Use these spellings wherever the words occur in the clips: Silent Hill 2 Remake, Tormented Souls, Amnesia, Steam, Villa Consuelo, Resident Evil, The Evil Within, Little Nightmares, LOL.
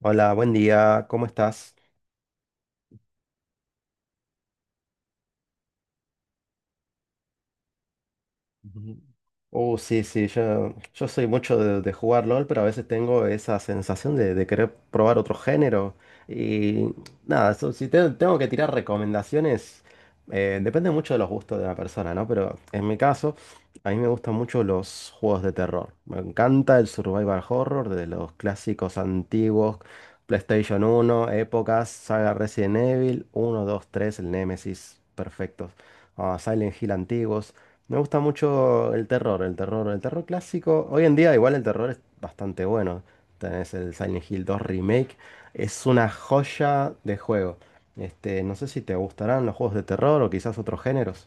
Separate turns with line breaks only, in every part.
Hola, buen día, ¿cómo estás? Ujú. Sí, sí, yo soy mucho de, jugar LOL, pero a veces tengo esa sensación de querer probar otro género. Y nada, so- si te- tengo que tirar recomendaciones, depende mucho de los gustos de la persona, ¿no? Pero en mi caso, a mí me gustan mucho los juegos de terror. Me encanta el survival horror de los clásicos antiguos, PlayStation uno épocas, saga Resident Evil, uno 2 3 el Nemesis, perfectos. Silent Hill antiguos. Me gusta mucho el terror, el terror, el terror clásico. Hoy en día igual el terror es bastante bueno. Tenés el Silent Hill 2 Remake. Es una joya de juego. Este, no sé si te gustarán los juegos de terror o quizás otros géneros.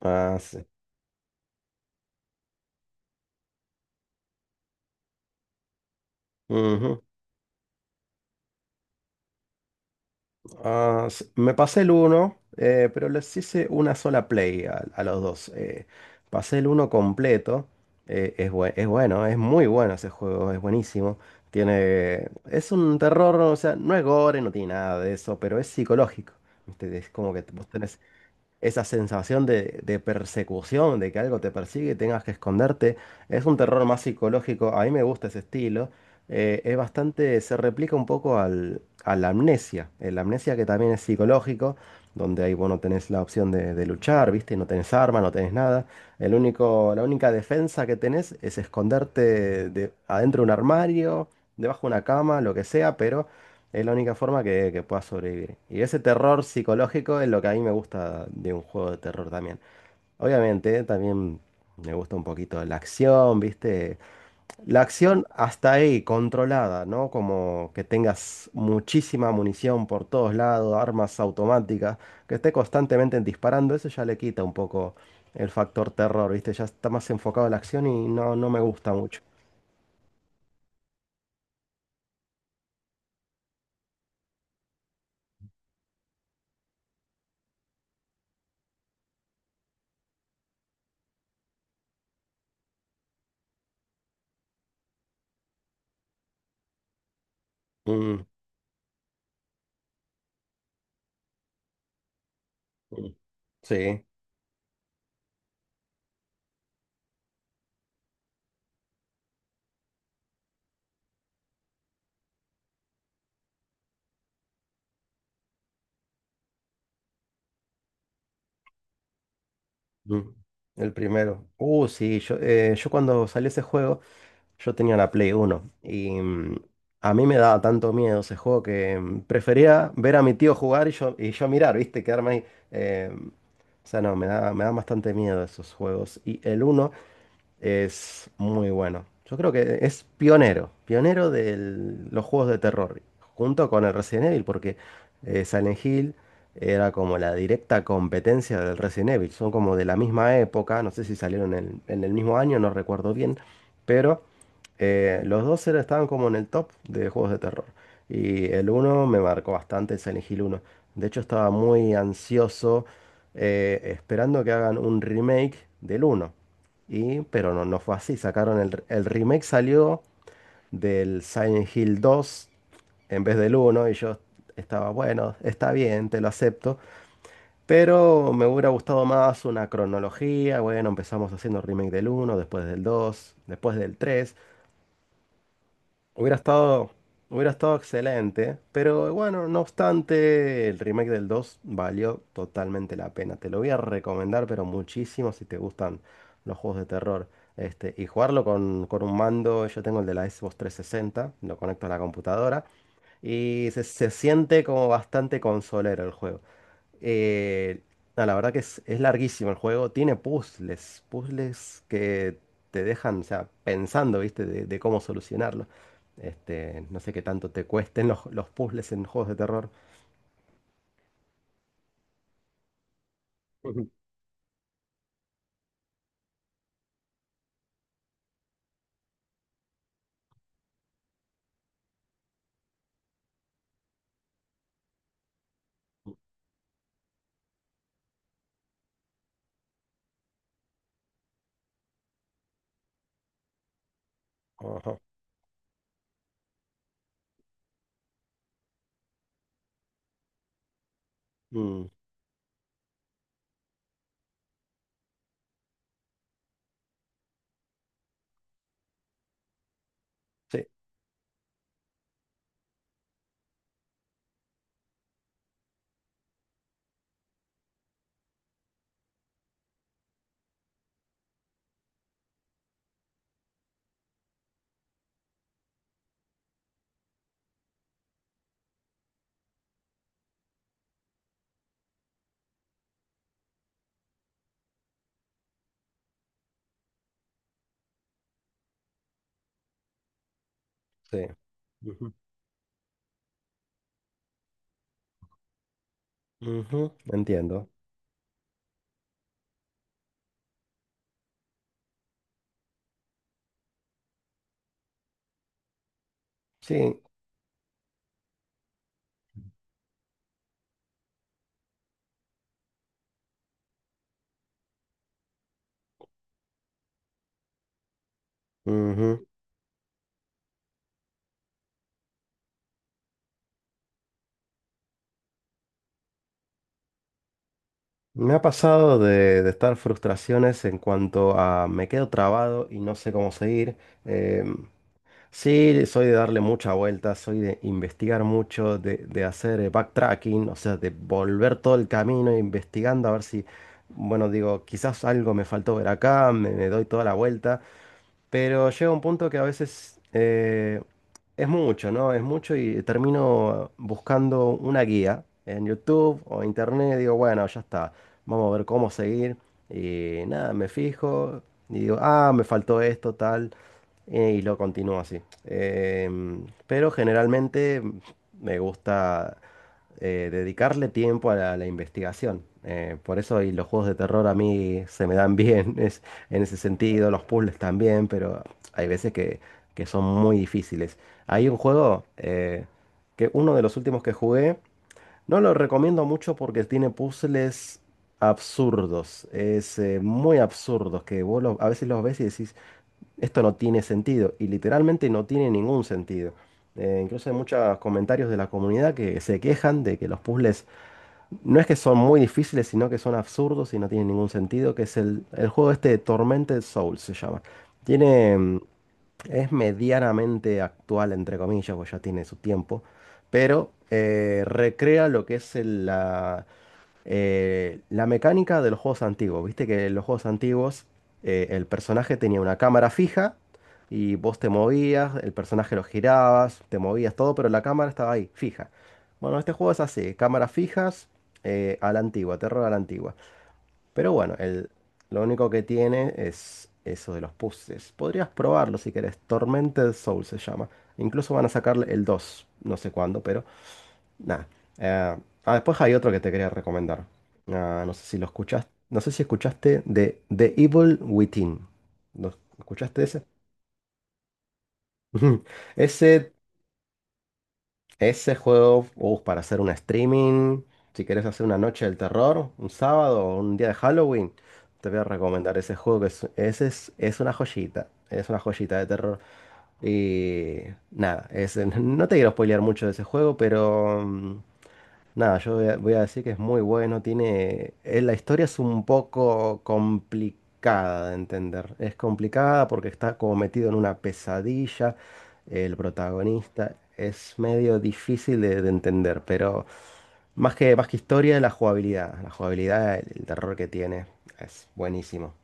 Ah, sí. Me pasé el 1, pero les hice una sola play a los dos. Pasé el uno completo. Es bueno, es muy bueno ese juego, es buenísimo. Es un terror, o sea, no es gore, no tiene nada de eso, pero es psicológico. ¿Viste? Es como que vos tenés esa sensación de, persecución, de que algo te persigue y tengas que esconderte. Es un terror más psicológico, a mí me gusta ese estilo. Se replica un poco al, a la, amnesia, el amnesia que también es psicológico, donde ahí vos no tenés la opción de luchar, ¿viste? No tenés arma, no tenés nada. La única defensa que tenés es esconderte adentro de un armario, debajo de una cama, lo que sea, pero es la única forma que pueda sobrevivir. Y ese terror psicológico es lo que a mí me gusta de un juego de terror también. Obviamente, también me gusta un poquito la acción, ¿viste? La acción hasta ahí, controlada, ¿no? Como que tengas muchísima munición por todos lados, armas automáticas, que esté constantemente disparando, eso ya le quita un poco el factor terror, ¿viste? Ya está más enfocado en la acción y no me gusta mucho. Mm, mm. Sí. Mm, El primero. Sí, yo cuando salió ese juego, yo tenía la Play uno y a mí me daba tanto miedo ese juego que prefería ver a mi tío jugar y yo mirar, ¿viste? Quedarme ahí. eh, o sea, no, me da bastante miedo esos juegos. Y el uno es muy bueno. Yo creo que es pionero, pionero de los juegos de terror, junto con el Resident Evil, porque Silent Hill era como la directa competencia del Resident Evil. Son como de la misma época, no sé si salieron en, el mismo año, no recuerdo bien, pero los dos estaban como en el top de juegos de terror. Y el uno me marcó bastante, el Silent Hill uno. De hecho, estaba muy ansioso esperando que hagan un remake del uno. Pero no fue así. Sacaron el remake, salió del Silent Hill 2 en vez del uno. Y yo estaba, bueno, está bien, te lo acepto. Pero me hubiera gustado más una cronología. Bueno, empezamos haciendo remake del uno después del 2 después del tres. Hubiera estado, Hubiera estado excelente, pero bueno, no obstante, el remake del 2 valió totalmente la pena. Te lo voy a recomendar, pero muchísimo si te gustan los juegos de terror. Este, y jugarlo con, un mando, yo tengo el de la Xbox 360, lo conecto a la computadora y se, siente como bastante consolero el juego. Eh, no, la verdad que es larguísimo el juego. Tiene puzzles, puzzles que te dejan, o sea, pensando, ¿viste? de, cómo solucionarlo. Este, no sé qué tanto te cuesten los puzzles en juegos de terror. Ujú. Ajá. Mm, sí, sí. Ujú, ujú, entiendo. Sí. Ujú. Me ha pasado de estar frustraciones en cuanto a me quedo trabado y no sé cómo seguir. Em, Sí, soy de darle mucha vuelta, soy de investigar mucho, de, hacer backtracking, o sea, de volver todo el camino investigando a ver si, bueno, digo, quizás algo me faltó ver acá, me doy toda la vuelta. Pero llega un punto que a veces es mucho, ¿no? Es mucho y termino buscando una guía en YouTube o internet. Digo, bueno, ya está. Vamos a ver cómo seguir. Y nada, me fijo y digo, ah, me faltó esto, tal. Y lo continúo así. Pero generalmente me gusta dedicarle tiempo a la investigación. Por eso y los juegos de terror a mí se me dan bien. En ese sentido, los puzzles también, pero hay veces que son muy difíciles. Hay un juego que uno de los últimos que jugué, no lo recomiendo mucho porque tiene puzzles absurdos, es muy absurdos, que a veces los ves y decís, esto no tiene sentido, y literalmente no tiene ningún sentido. Incluso hay muchos comentarios de la comunidad que se quejan de que los puzzles no es que son muy difíciles, sino que son absurdos y no tienen ningún sentido, que es el juego este de Tormented Souls se llama. Tiene, mm, es medianamente actual, entre comillas, pues ya tiene su tiempo, pero recrea lo que es la mecánica de los juegos antiguos. Viste que en los juegos antiguos el personaje tenía una cámara fija y vos te movías, el personaje lo girabas, te movías todo, pero la cámara estaba ahí, fija. Bueno, este juego es así, cámaras fijas, a la antigua, terror a la antigua. Pero bueno, lo único que tiene es eso de los puzzles. Podrías probarlo si querés. Tormented Soul se llama. Incluso van a sacarle el dos, no sé cuándo, pero... Nada. Eh, Después hay otro que te quería recomendar. Ah, no sé si lo escuchaste. No sé si escuchaste de The Evil Within. ¿Lo escuchaste ese? Ujú. Ese, ese juego, para hacer un streaming, si quieres hacer una noche del terror, un sábado o un día de Halloween, te voy a recomendar ese juego que es, ese es una joyita de terror. Y nada, no te quiero spoilear mucho de ese juego, pero nada, yo voy a, decir que es muy bueno. Tiene. La historia es un poco complicada de entender. Es complicada porque está como metido en una pesadilla. El protagonista es medio difícil de, entender, pero más que historia, la jugabilidad. La jugabilidad, el terror que tiene es buenísimo.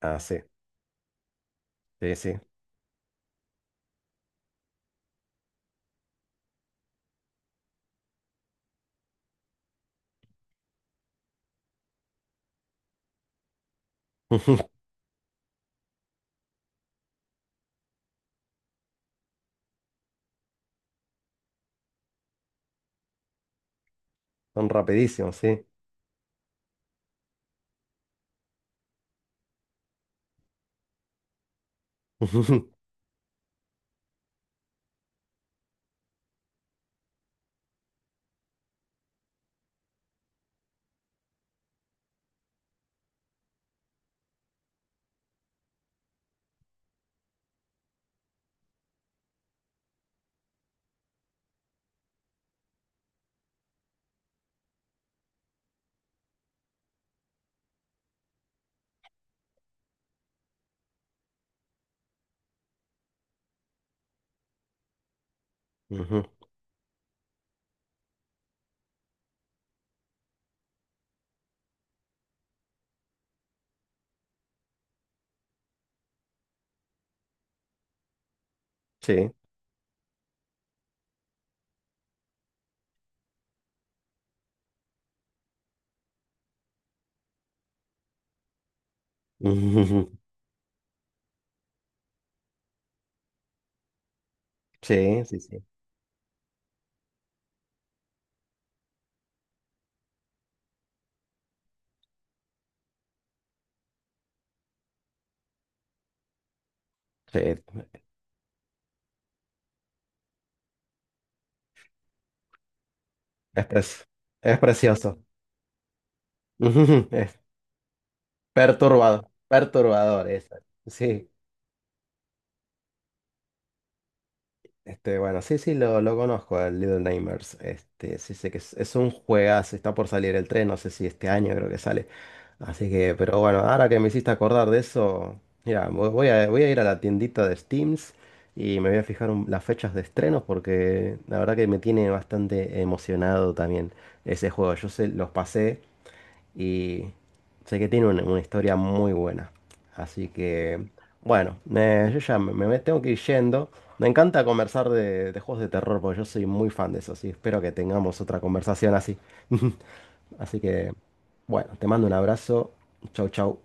Ah, sí, sí, sí. Son rapidísimos, sí. Ujú, sí. Sí, sí, sí. Sí, Es, pres- es precioso. Es perturbado. Perturbador, esa. Sí, este, bueno, sí, sí, lo, conozco, al Little Nightmares. Este, sí sé que es un juegazo, está por salir el tren, no sé si este año creo que sale. Así que, pero bueno, ahora que me hiciste acordar de eso, mira, voy a ir a la tiendita de Steams y me voy a fijar las fechas de estreno porque la verdad que me tiene bastante emocionado también ese juego. Yo sé, los pasé. Y sé que tiene una, historia muy buena. Así que, bueno, yo ya me, tengo que ir yendo. Me encanta conversar de juegos de terror porque yo soy muy fan de eso. Así espero que tengamos otra conversación así. Así que, bueno, te mando un abrazo. Chau, chau.